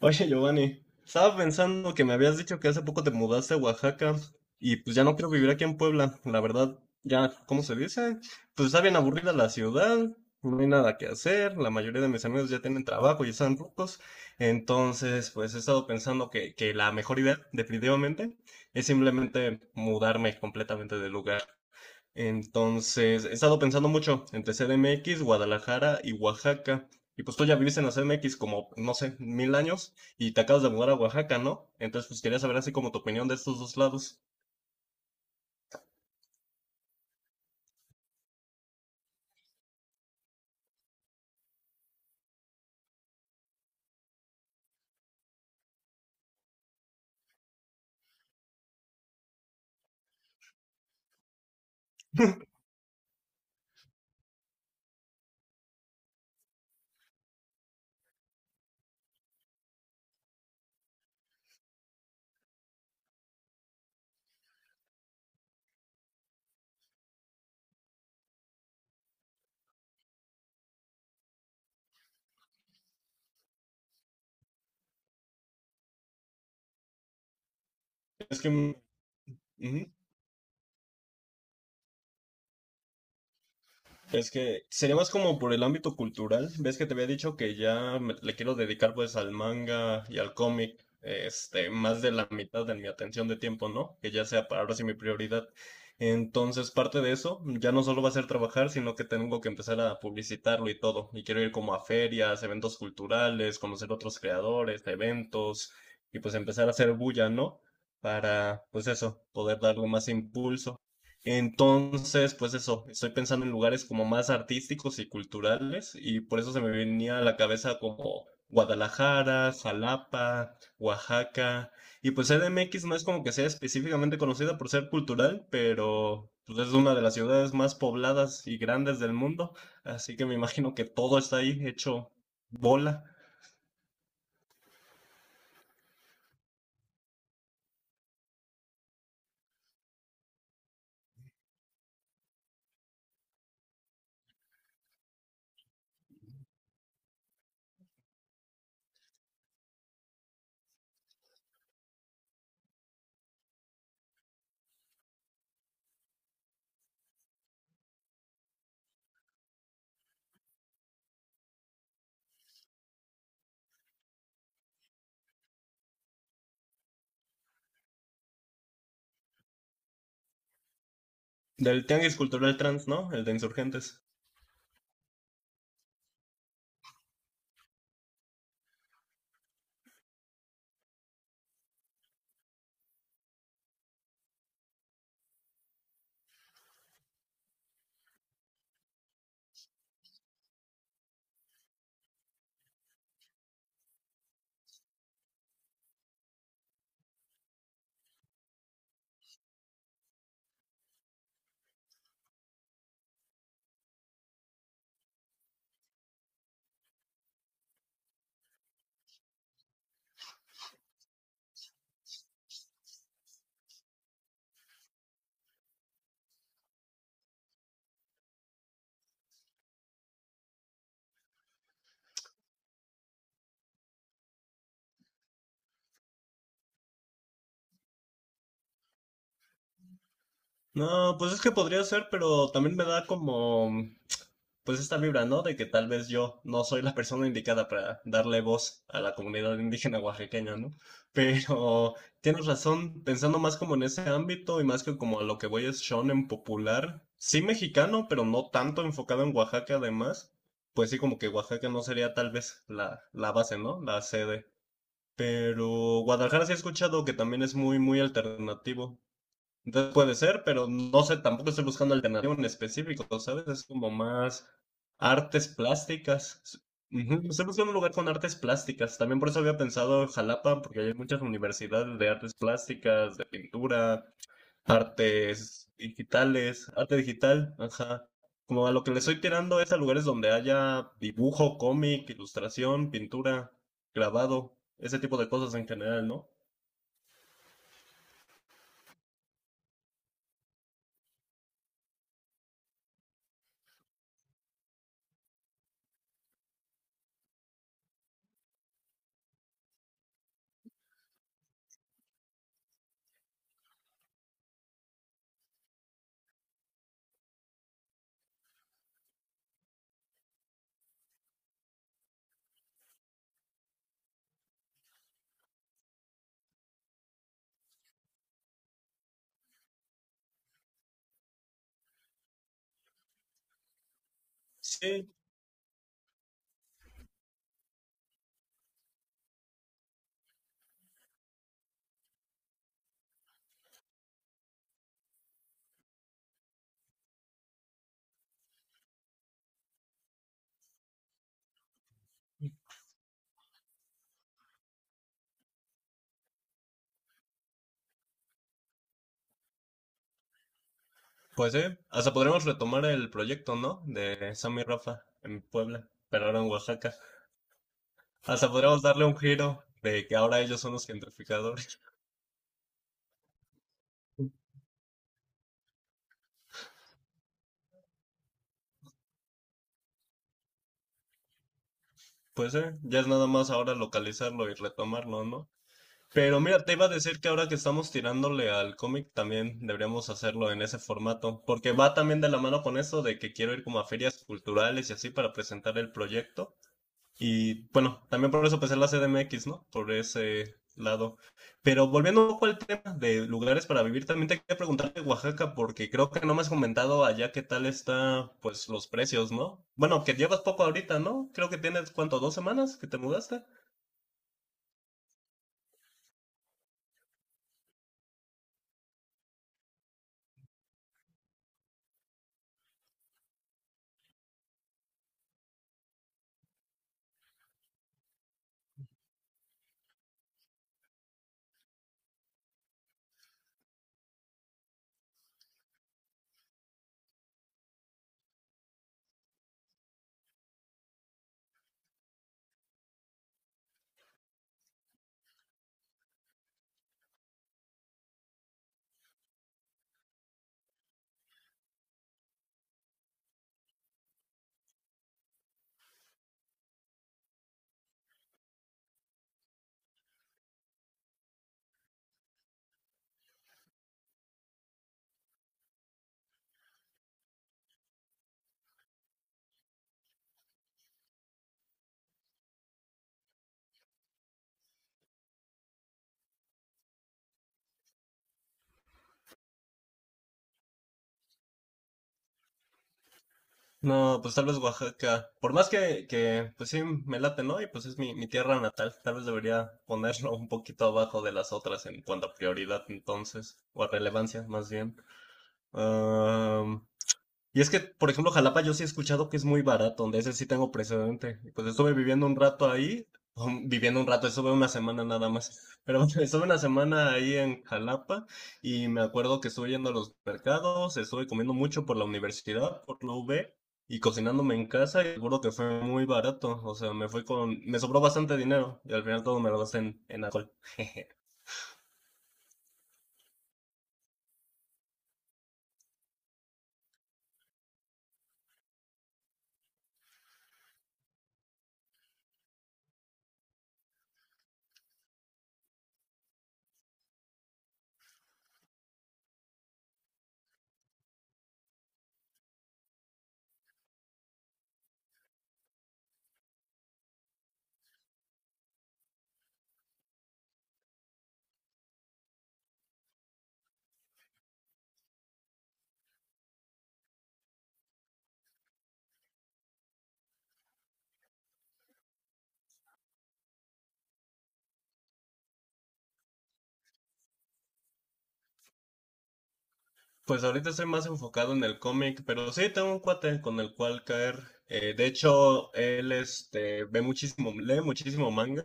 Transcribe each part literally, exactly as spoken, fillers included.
Oye, Giovanni, estaba pensando que me habías dicho que hace poco te mudaste a Oaxaca y pues ya no quiero vivir aquí en Puebla, la verdad, ya, ¿cómo se dice? Pues está bien aburrida la ciudad, no hay nada que hacer, la mayoría de mis amigos ya tienen trabajo, ya están rucos, entonces pues he estado pensando que, que la mejor idea, definitivamente, es simplemente mudarme completamente de lugar. Entonces, he estado pensando mucho entre C D M X, Guadalajara y Oaxaca. Y pues tú ya viviste en la C D M X como, no sé, mil años y te acabas de mudar a Oaxaca, ¿no? Entonces, pues quería saber así como tu opinión de estos dos lados. Es que... ujú. Es que sería más como por el ámbito cultural. Ves que te había dicho que ya me- le quiero dedicar pues al manga y al cómic, este, más de la mitad de mi atención de tiempo, ¿no? Que ya sea para ahora sí mi prioridad. Entonces, parte de eso ya no solo va a ser trabajar, sino que tengo que empezar a publicitarlo y todo. Y quiero ir como a ferias, eventos culturales, conocer otros creadores, eventos y pues empezar a hacer bulla, ¿no? Para, pues eso, poder darle más impulso. Entonces, pues eso, estoy pensando en lugares como más artísticos y culturales y por eso se me venía a la cabeza como Guadalajara, Jalapa, Oaxaca y pues C D M X no es como que sea específicamente conocida por ser cultural, pero pues es una de las ciudades más pobladas y grandes del mundo, así que me imagino que todo está ahí hecho bola. Del tianguis cultural trans, ¿no? El de Insurgentes. No, pues es que podría ser, pero también me da como pues esta vibra, ¿no? De que tal vez yo no soy la persona indicada para darle voz a la comunidad indígena oaxaqueña, ¿no? Pero tienes razón, pensando más como en ese ámbito y más que como a lo que voy es shonen popular, sí mexicano, pero no tanto enfocado en Oaxaca además, pues sí como que Oaxaca no sería tal vez la, la base, ¿no? La sede. Pero Guadalajara sí he escuchado que también es muy, muy alternativo. Entonces puede ser, pero no sé, tampoco estoy buscando alternativa en específico, ¿sabes? Es como más artes plásticas. Ujú, estoy buscando un lugar con artes plásticas. También por eso había pensado Jalapa, porque hay muchas universidades de artes plásticas, de pintura, artes digitales, arte digital, ajá. Como a lo que le estoy tirando es a lugares donde haya dibujo, cómic, ilustración, pintura, grabado, ese tipo de cosas en general, ¿no? Sí, pues sí, hasta podremos retomar el proyecto, ¿no? De Sammy y Rafa en Puebla, pero ahora en Oaxaca. Hasta podremos darle un giro de que ahora ellos son los gentrificadores. Pues sí, ya es nada más ahora localizarlo y retomarlo, ¿no? Pero mira, te iba a decir que ahora que estamos tirándole al cómic, también deberíamos hacerlo en ese formato, porque va también de la mano con eso de que quiero ir como a ferias culturales y así para presentar el proyecto. Y bueno, también por eso empecé la C D M X, ¿no? Por ese lado. Pero volviendo un poco al tema de lugares para vivir, también te quería preguntar de Oaxaca, porque creo que no me has comentado allá qué tal está, pues, los precios, ¿no? Bueno, que llevas poco ahorita, ¿no? Creo que tienes, ¿cuánto? ¿Dos semanas que te mudaste? No, pues tal vez Oaxaca. Por más que, que pues sí, me late, ¿no? Y pues es mi, mi tierra natal. Tal vez debería ponerlo un poquito abajo de las otras en cuanto a prioridad, entonces, o a relevancia, más bien. Um, Y es que, por ejemplo, Jalapa yo sí he escuchado que es muy barato, de ese sí tengo precedente. Y pues estuve viviendo un rato ahí, um, viviendo un rato, estuve una semana nada más, pero estuve una semana ahí en Jalapa y me acuerdo que estuve yendo a los mercados, estuve comiendo mucho por la universidad, por la U B y cocinándome en casa y seguro que fue muy barato, o sea, me fue con, me sobró bastante dinero y al final todo me lo gasté en, en alcohol. Pues ahorita estoy más enfocado en el cómic, pero sí tengo un cuate con el cual caer. Eh, de hecho, él este, ve muchísimo, lee muchísimo manga.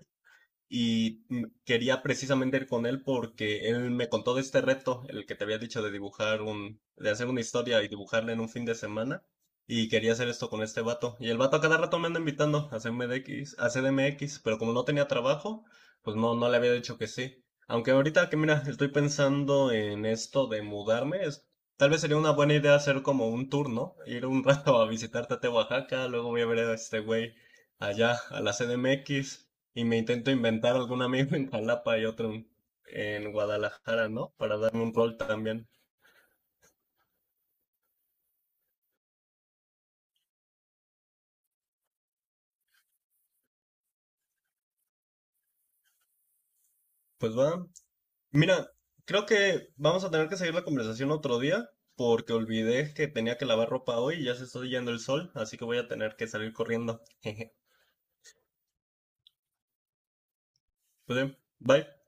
Y mm, quería precisamente ir con él porque él me contó de este reto, el que te había dicho de dibujar un, de hacer una historia y dibujarla en un fin de semana. Y quería hacer esto con este vato. Y el vato a cada rato me anda invitando a C M D X, a C D M X, pero como no tenía trabajo, pues no, no le había dicho que sí. Aunque ahorita que mira, estoy pensando en esto de mudarme, es- tal vez sería una buena idea hacer como un tour, ¿no? Ir un rato a visitar Tate Oaxaca, luego voy a ver a este güey allá, a la C D M X y me intento inventar algún amigo en Jalapa y otro en, en Guadalajara, ¿no? Para darme un rol también. Pues va. Mira, creo que vamos a tener que seguir la conversación otro día porque olvidé que tenía que lavar ropa hoy y ya se está yendo el sol, así que voy a tener que salir corriendo. Jeje. Pues bien, bye.